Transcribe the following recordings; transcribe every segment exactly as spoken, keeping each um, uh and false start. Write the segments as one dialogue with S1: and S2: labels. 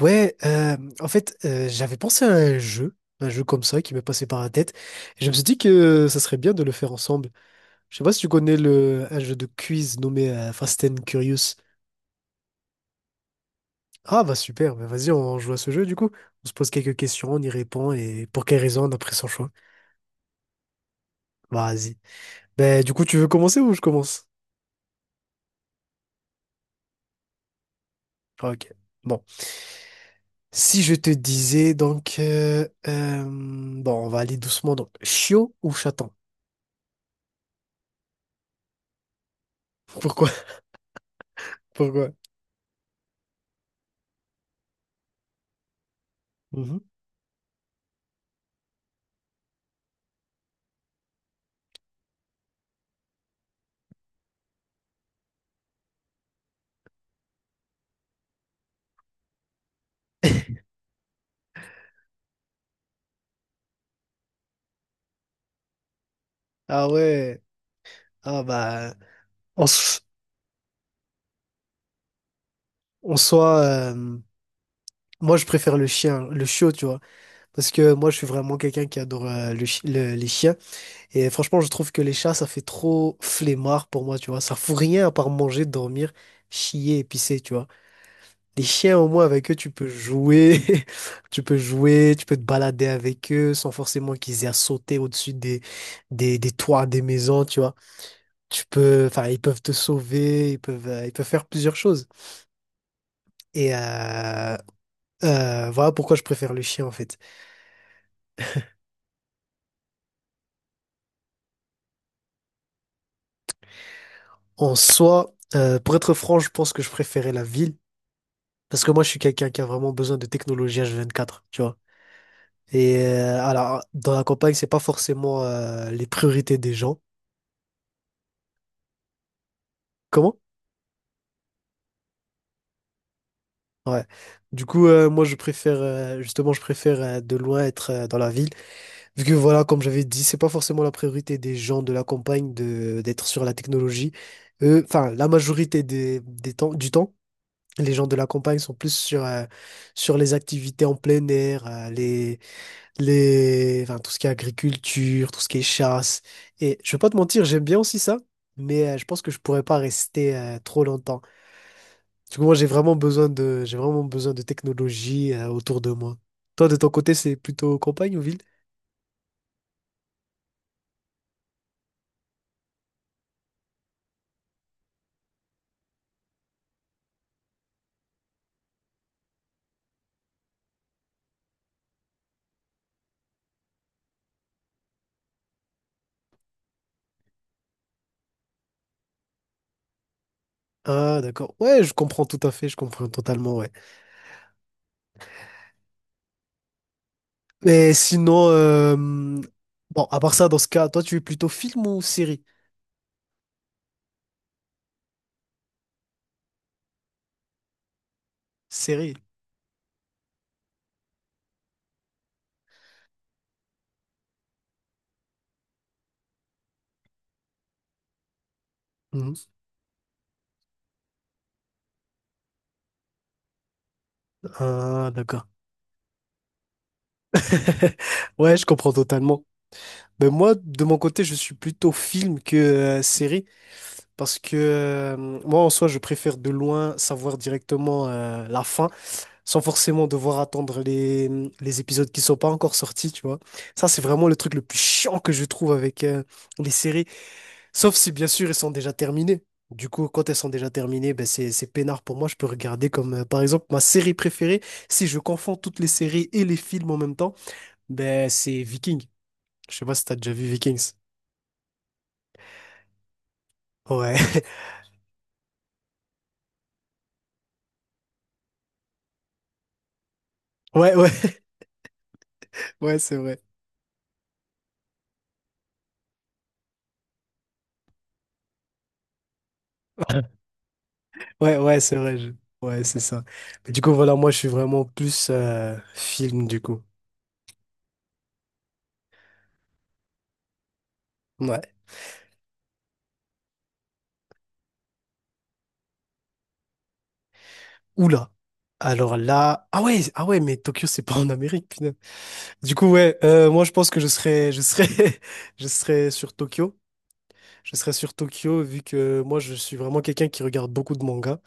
S1: Ouais, euh, en fait, euh, j'avais pensé à un jeu, un jeu comme ça qui m'est passé par la tête. Et je me suis dit que ça serait bien de le faire ensemble. Je sais pas si tu connais le, un jeu de quiz nommé euh, Fast and Curious. Ah bah super, bah vas-y, on joue à ce jeu du coup. On se pose quelques questions, on y répond et pour quelle raison on a pris son choix. Bah, Vas-y. Ben du coup, tu veux commencer ou je commence? Ah, Ok. Bon. Si je te disais donc, euh, euh, bon, on va aller doucement donc, chiot ou chaton? Pourquoi? Pourquoi? Mhm. Ah ouais. Ah bah en, s- en soi, euh, moi je préfère le chien, le chiot, tu vois, parce que moi je suis vraiment quelqu'un qui adore euh, le chi- le- les chiens et franchement je trouve que les chats ça fait trop flemmard pour moi, tu vois, ça fout rien à part manger, dormir, chier et pisser, tu vois. Les chiens au moins avec eux tu peux jouer, tu peux jouer, tu peux te balader avec eux sans forcément qu'ils aient à sauter au-dessus des, des des toits des maisons, tu vois. Tu peux, enfin ils peuvent te sauver, ils peuvent euh, ils peuvent faire plusieurs choses. Et euh, Euh, voilà pourquoi je préfère le chien en fait. En soi, euh, pour être franc, je pense que je préférais la ville parce que moi je suis quelqu'un qui a vraiment besoin de technologie h vingt-quatre, tu vois. Et euh, alors dans la campagne, c'est pas forcément euh, les priorités des gens. Comment? Ouais. Du coup, euh, moi je préfère euh, justement je préfère euh, de loin être euh, dans la ville vu que voilà comme j'avais dit, c'est pas forcément la priorité des gens de la campagne de d'être sur la technologie. Euh, Enfin, la majorité des, des temps, du temps. Les gens de la campagne sont plus sur, euh, sur les activités en plein air, euh, les, les, enfin, tout ce qui est agriculture, tout ce qui est chasse. Et je vais pas te mentir, j'aime bien aussi ça, mais euh, je pense que je pourrais pas rester euh, trop longtemps. Du coup, moi, j'ai vraiment besoin de, j'ai vraiment besoin de technologie euh, autour de moi. Toi, de ton côté, c'est plutôt campagne ou ville? Ah, d'accord. Ouais, je comprends tout à fait, je comprends totalement, ouais. Mais sinon, euh, bon, à part ça, dans ce cas, toi, tu es plutôt film ou série? Série. Mmh. Ah, d'accord. Ouais, je comprends totalement. Ben moi, de mon côté, je suis plutôt film que euh, série parce que euh, moi, en soi, je préfère de loin savoir directement euh, la fin sans forcément devoir attendre les, les épisodes qui sont pas encore sortis, tu vois. Ça, c'est vraiment le truc le plus chiant que je trouve avec euh, les séries, sauf si, bien sûr, elles sont déjà terminées. Du coup, quand elles sont déjà terminées, ben c'est, c'est peinard pour moi. Je peux regarder comme, euh, par exemple, ma série préférée, si je confonds toutes les séries et les films en même temps. Ben, c'est Vikings, Je sais pas si t'as déjà vu Vikings. Ouais. Ouais, ouais, ouais, c'est vrai. Ouais, ouais, c'est vrai. je- Ouais, c'est ça. Mais du coup, voilà, moi, je suis vraiment plus euh, film, du coup. Ouais. Oula. Alors là. Ah ouais, ah ouais, mais Tokyo, c'est pas en Amérique, putain. Du coup, ouais, euh, moi, je pense que je serais, je serais, je serais sur Tokyo. Je serais sur Tokyo, vu que moi, je suis vraiment quelqu'un qui regarde beaucoup de mangas.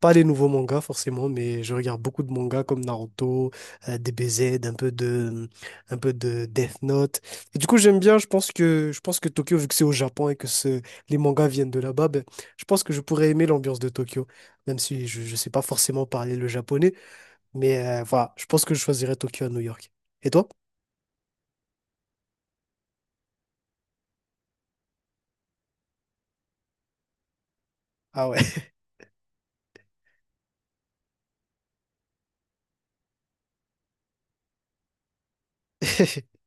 S1: Pas les nouveaux mangas forcément, mais je regarde beaucoup de mangas comme Naruto, euh, D B Z, un peu de, un peu de Death Note. Et du coup, j'aime bien. Je pense que, je pense que Tokyo, vu que c'est au Japon et que ce- les mangas viennent de là-bas, ben, je pense que je pourrais aimer l'ambiance de Tokyo, même si je ne sais pas forcément parler le japonais. Mais euh, voilà, je pense que je choisirais Tokyo à New York. Et toi? Ah ouais.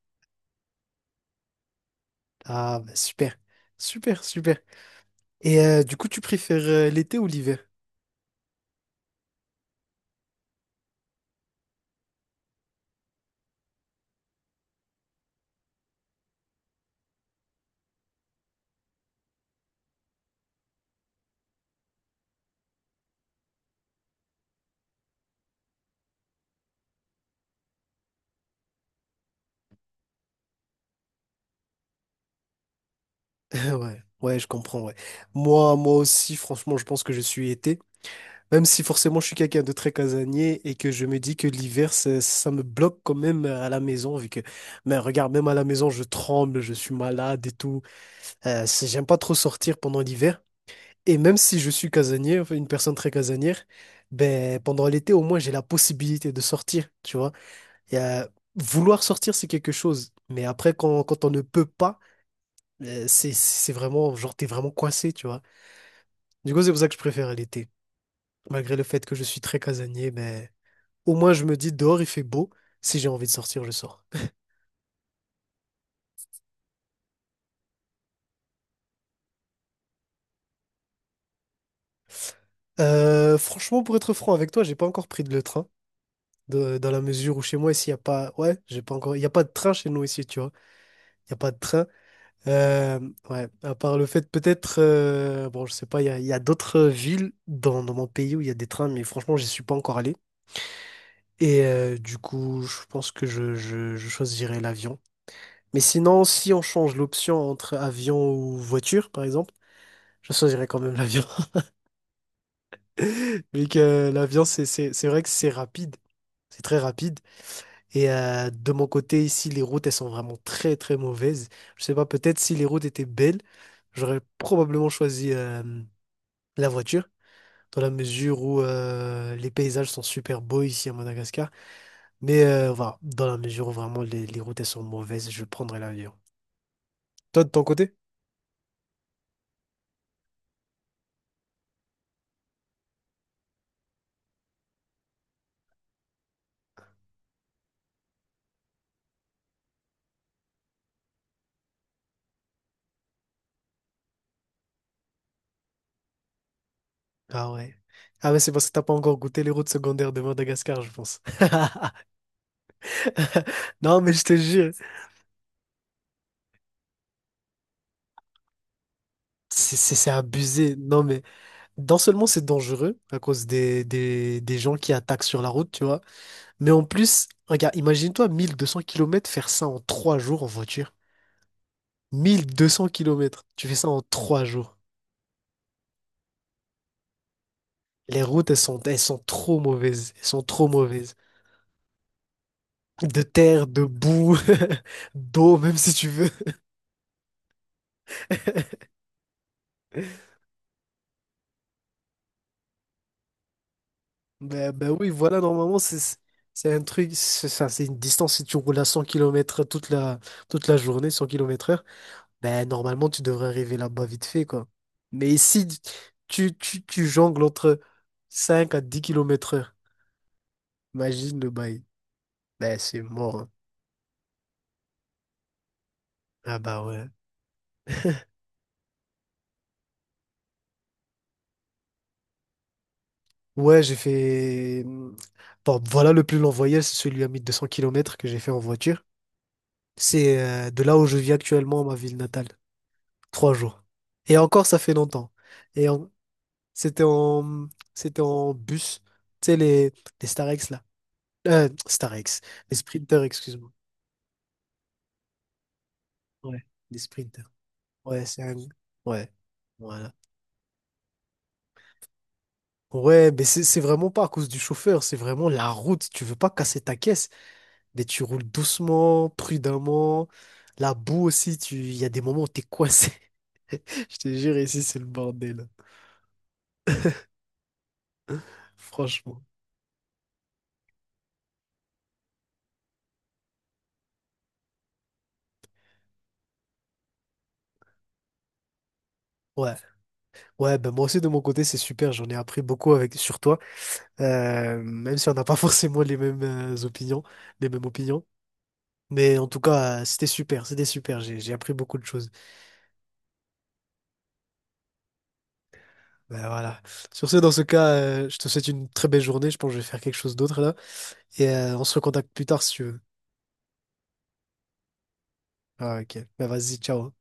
S1: Ah bah, super, super, super. Et euh, du coup, tu préfères euh, l'été ou l'hiver? Ouais, ouais, je comprends, ouais. Moi, moi aussi, franchement, je pense que je suis été. Même si forcément je suis quelqu'un de très casanier et que je me dis que l'hiver, ça, ça me bloque quand même euh, à la maison, vu que, mais regarde, même à la maison, je tremble, je suis malade et tout. Euh, c'est- j'aime pas trop sortir pendant l'hiver. Et même si je suis casanier, enfin, une personne très casanière, ben, pendant l'été, au moins, j'ai la possibilité de sortir, tu vois. Et, euh, vouloir sortir, c'est quelque chose. Mais après, quand, quand on ne peut pas, euh, c'est, c'est vraiment, genre, t'es vraiment coincé, tu vois. Du coup, c'est pour ça que je préfère l'été. Malgré le fait que je suis très casanier, mais au moins je me dis dehors il fait beau. Si j'ai envie de sortir, je sors. Euh, franchement, pour être franc avec toi, j'ai pas encore pris de le train. de- dans la mesure où chez moi, ici, il n'y a pas. Ouais, j'ai pas encore. Il n'y a pas de train chez nous ici, tu vois. Il n'y a pas de train. Euh, ouais, à part le fait, peut-être. euh, bon, je sais pas, il y a, il y a d'autres villes dans, dans mon pays où il y a des trains, mais franchement, j'y suis pas encore allé. Et euh, du coup, je pense que je, je, je choisirais l'avion. Mais sinon, si on change l'option entre avion ou voiture, par exemple, je choisirais quand même l'avion. Vu que l'avion, c'est, c'est, c'est vrai que c'est rapide. C'est très rapide. Et euh, de mon côté, ici, les routes, elles sont vraiment très, très mauvaises. Je sais pas, peut-être si les routes étaient belles, j'aurais probablement choisi euh, la voiture, dans la mesure où euh, les paysages sont super beaux ici à Madagascar. Mais euh, voilà, dans la mesure où vraiment les, les routes, elles sont mauvaises, je prendrais l'avion. Toi, de ton côté? Ah ouais. Ah ouais, c'est parce que t'as pas encore goûté les routes secondaires de Madagascar, je pense. Non, mais je te jure, c'est c'est- c'est abusé. Non, mais non seulement c'est dangereux à cause des, des, des gens qui attaquent sur la route, tu vois, mais en plus, regarde, imagine-toi mille deux cents kilomètres faire ça en trois jours en voiture. Mille deux cents kilomètres. tu fais ça en trois jours. Les routes, elles sont, elles sont trop mauvaises. Elles sont trop mauvaises. De terre, de boue, d'eau, même si tu veux. Bah, bah oui, voilà, normalement, c'est, c'est c'est un truc, c'est ça, c'est une distance, si tu roules à cent kilomètres toute la, toute la journée, cent kilomètres heure, bah, normalement, tu devrais arriver là-bas vite fait, quoi. Mais si tu, tu, tu jongles entre cinq à dix kilomètres heure, imagine le bail. Bah, c'est mort. hein. Ah bah ouais. Ouais, j'ai fait... hmm, bon, voilà le plus long voyage, c'est celui à mille deux cents kilomètres que j'ai fait en voiture. C'est euh, de là où je vis actuellement, ma ville natale. Trois jours. Et encore, ça fait longtemps. Et en- C'était en, c'était en bus. Tu sais, les, les Starex, là. Euh, Starex. Les sprinters, excuse-moi. Ouais, les sprinters. Ouais, c'est un... Ouais, voilà. Ouais, mais c'est c'est vraiment pas à cause du chauffeur, c'est vraiment la route. Tu veux pas casser ta caisse, mais tu roules doucement, prudemment. La boue aussi, tu... il y a des moments où t'es coincé. Je te jure, ici, c'est le bordel. Franchement. Ouais, ouais, ben moi aussi, de mon côté, c'est super. J'en ai appris beaucoup avec... sur toi. Euh, même si on n'a pas forcément les mêmes euh, opinions, les mêmes opinions. Mais en tout cas, euh, c'était super, c'était super. J'ai, j'ai appris beaucoup de choses. Ben voilà. Sur ce, dans ce cas, euh, je te souhaite une très belle journée. Je pense que je vais faire quelque chose d'autre là. Et euh, on se recontacte plus tard si tu veux. Ah, ok. Ben vas-y, ciao.